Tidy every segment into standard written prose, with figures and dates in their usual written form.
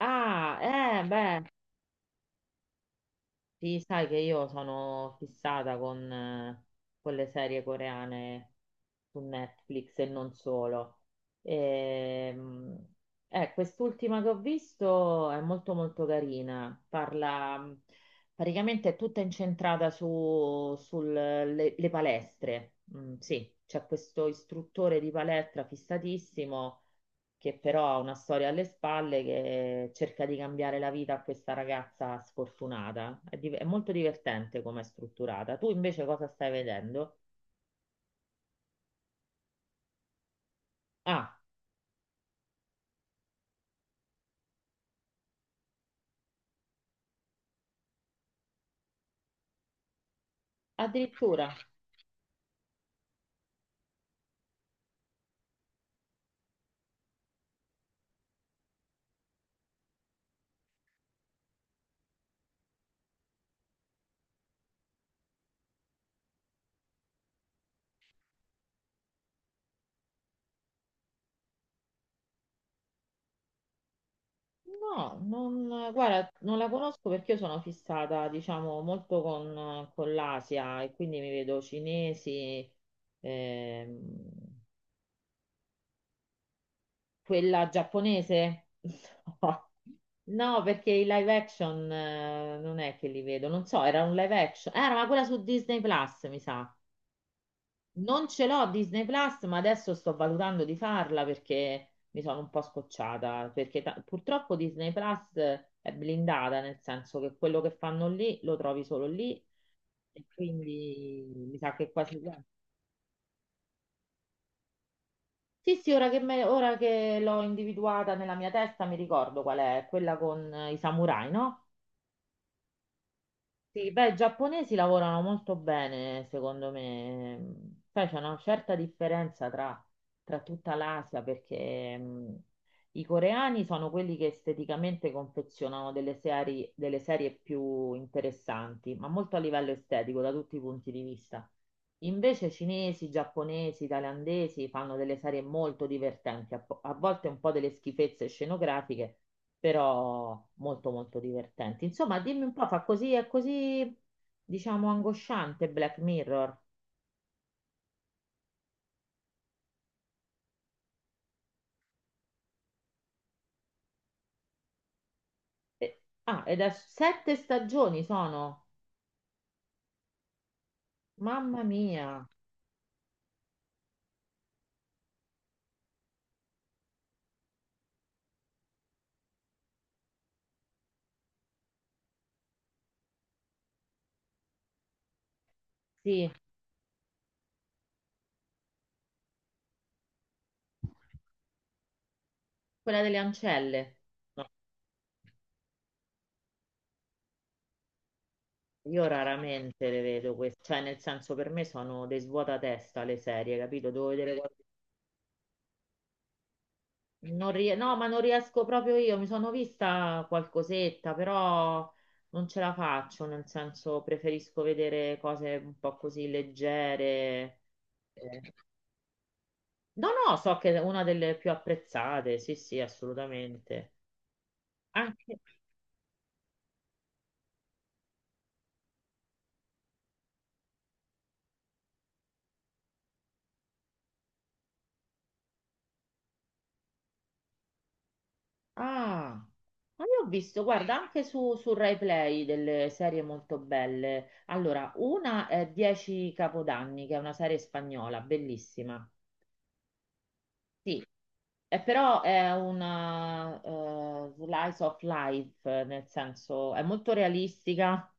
Ah, eh, beh, sì, sai che io sono fissata con le serie coreane su Netflix e non solo. Ehm, quest'ultima che ho visto è molto molto carina, parla praticamente è tutta incentrata sulle palestre. Mm, sì, c'è questo istruttore di palestra fissatissimo che però ha una storia alle spalle che cerca di cambiare la vita a questa ragazza sfortunata. È molto divertente come è strutturata. Tu invece cosa stai vedendo? Ah, addirittura. No, non, guarda, non la conosco perché io sono fissata, diciamo, molto con l'Asia e quindi mi vedo cinesi, ehm, quella giapponese? No. No, perché i live action non è che li vedo, non so, era un live action. Era ma quella su Disney Plus, mi sa. Non ce l'ho Disney Plus, ma adesso sto valutando di farla perché mi sono un po' scocciata, perché purtroppo Disney Plus è blindata, nel senso che quello che fanno lì lo trovi solo lì, e quindi mi sa che quasi... Sì, sì, ora che l'ho individuata nella mia testa mi ricordo qual è, quella con i samurai, no? Sì, beh, i giapponesi lavorano molto bene, secondo me. Poi c'è una certa differenza tra tutta l'Asia, perché i coreani sono quelli che esteticamente confezionano delle serie più interessanti, ma molto a livello estetico, da tutti i punti di vista. Invece cinesi, giapponesi, thailandesi fanno delle serie molto divertenti, a volte un po' delle schifezze scenografiche, però molto molto divertenti. Insomma, dimmi un po', fa così, è così, diciamo, angosciante Black Mirror. Ah, ed è sette stagioni sono. Mamma mia, sì, quella delle ancelle. No, io raramente le vedo queste, cioè nel senso per me sono dei svuotatesta le serie, capito? Devo vedere... Non rie- No, ma non riesco proprio io, mi sono vista qualcosetta, però non ce la faccio, nel senso preferisco vedere cose un po' così leggere. Eh, No, no, so che è una delle più apprezzate, sì, sì, assolutamente. Anche... Ah, ma io ho visto, guarda, anche su Rai Play delle serie molto belle. Allora, una è Dieci Capodanni, che è una serie spagnola, bellissima. Sì, però è una slice of life, nel senso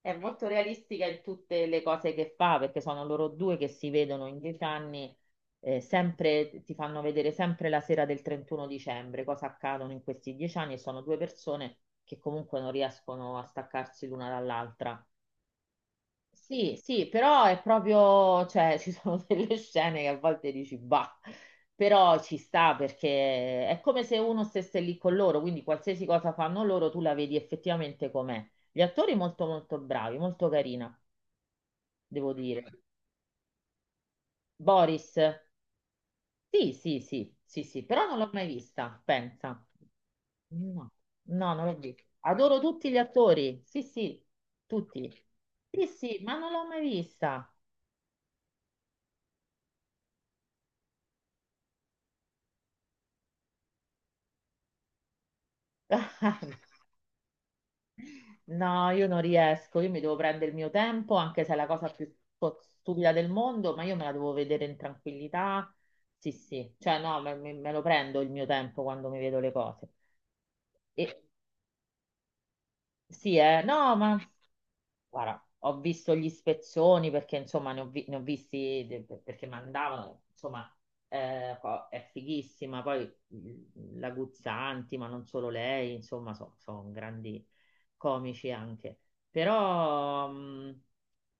è molto realistica in tutte le cose che fa, perché sono loro due che si vedono in dieci anni, sempre, ti fanno vedere sempre la sera del 31 dicembre, cosa accadono in questi dieci anni, e sono due persone che comunque non riescono a staccarsi l'una dall'altra. Sì, sì, però è proprio, cioè, ci sono delle scene che a volte dici, bah, però ci sta perché è come se uno stesse lì con loro, quindi qualsiasi cosa fanno loro tu la vedi effettivamente com'è. Gli attori molto molto bravi, molto carina, devo dire. Boris, sì, sì, sì, sì, sì, però non l'ho mai vista, pensa. No, no, non l'ho vista. Adoro tutti gli attori, sì, sì, tutti. Sì, sì, ma non l'ho mai vista. No, io non riesco, io mi devo prendere il mio tempo, anche se è la cosa più stupida del mondo, ma io me la devo vedere in tranquillità. Sì, sì, cioè no, me lo prendo il mio tempo quando mi vedo le cose. E, sì, no, ma guarda, ho visto gli spezzoni perché insomma ne ho visti perché mandavano, insomma è fighissima, poi mm, la Guzzanti, ma non solo lei, insomma sono grandi comici anche. Però mm,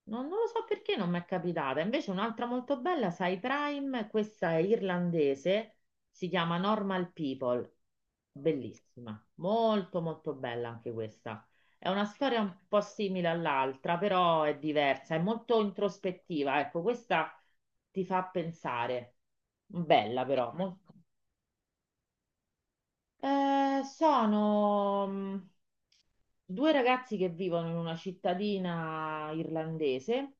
non, non lo so perché non mi è capitata. Invece un'altra molto bella, sai, Prime, questa è irlandese, si chiama Normal People, bellissima, molto molto bella anche questa. È una storia un po' simile all'altra, però è diversa, è molto introspettiva. Ecco, questa ti fa pensare. Bella però. Sono due ragazzi che vivono in una cittadina irlandese.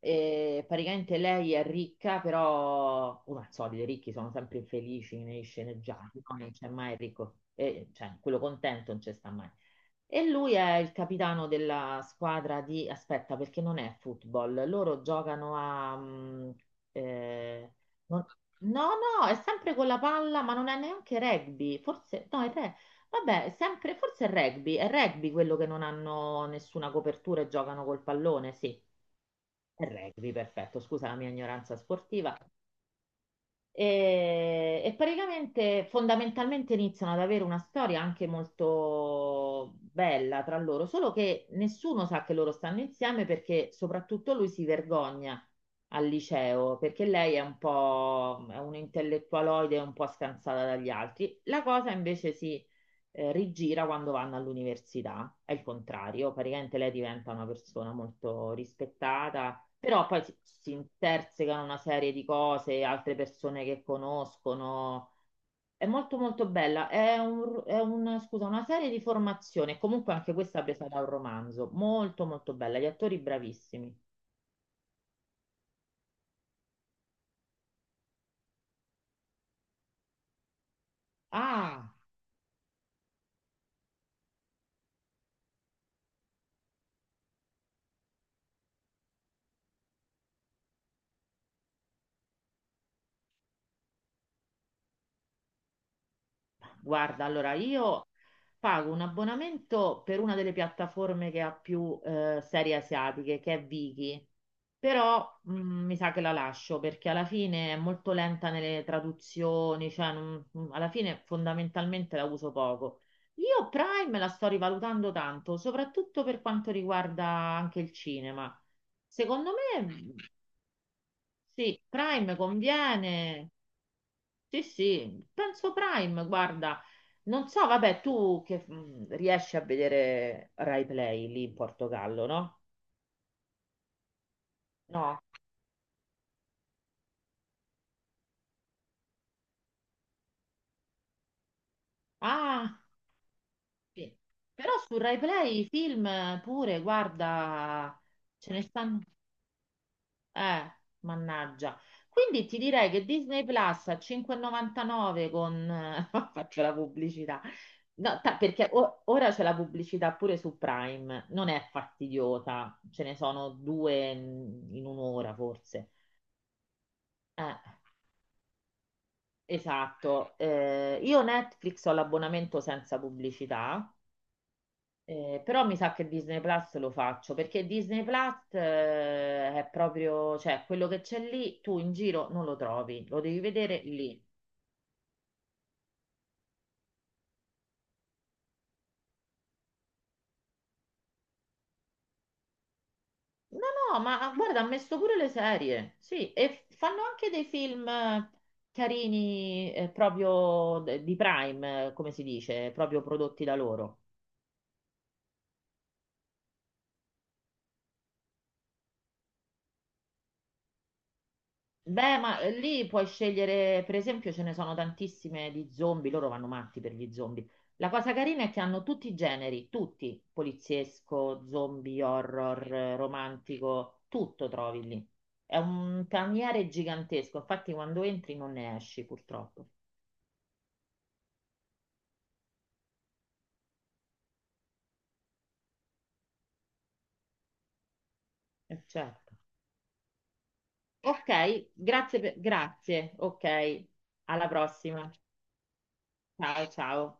E praticamente lei è ricca, però come al solito i ricchi sono sempre infelici nei sceneggiati, no? Non c'è mai il ricco, cioè quello contento non c'è sta mai. E lui è il capitano della squadra di... Aspetta, perché non è football. Loro giocano a... eh, non- No, no, è sempre con la palla, ma non è neanche rugby. Forse... No, vabbè, è sempre... Forse è rugby. È rugby quello che non hanno nessuna copertura e giocano col pallone, sì. È rugby, perfetto. Scusa la mia ignoranza sportiva. E praticamente fondamentalmente iniziano ad avere una storia anche molto bella tra loro, solo che nessuno sa che loro stanno insieme perché soprattutto lui si vergogna al liceo perché lei è un intellettualoide, un po' scansata dagli altri. La cosa invece rigira quando vanno all'università, è il contrario, praticamente lei diventa una persona molto rispettata, però poi si intersecano una serie di cose, altre persone che conoscono. È molto molto bella. Scusa, una serie di formazione, comunque anche questa presa da un romanzo. Molto molto bella. Gli attori bravissimi. Ah! Guarda, allora io pago un abbonamento per una delle piattaforme che ha più serie asiatiche, che è Viki, però mi sa che la lascio perché alla fine è molto lenta nelle traduzioni, alla fine fondamentalmente la uso poco. Io Prime la sto rivalutando tanto, soprattutto per quanto riguarda anche il cinema. Secondo me, mm, sì, Prime conviene. Sì, sì, penso Prime, guarda, non so, vabbè, tu che riesci a vedere Rai Play lì in Portogallo, no? No. Ah, sì. Però su Rai Play i film pure, guarda, ce ne stanno. Eh, mannaggia. Quindi ti direi che Disney Plus a 5,99 con... Faccio la pubblicità. No, ora c'è la pubblicità pure su Prime, non è fastidiosa, ce ne sono due mm, in un'ora forse. Eh, esatto. Io Netflix ho l'abbonamento senza pubblicità. Però mi sa che Disney Plus lo faccio perché Disney Plus è proprio, cioè quello che c'è lì tu in giro non lo trovi, lo devi vedere lì. No, no, ma guarda, ha messo pure le serie, sì, e fanno anche dei film carini eh, proprio di Prime, come si dice, proprio prodotti da loro. Beh, ma lì puoi scegliere, per esempio, ce ne sono tantissime di zombie, loro vanno matti per gli zombie. La cosa carina è che hanno tutti i generi, tutti, poliziesco, zombie, horror, romantico, tutto trovi lì. È un paniere gigantesco, infatti quando entri non ne esci, purtroppo. Certo. Ok, grazie, ok, alla prossima. Ciao, ciao.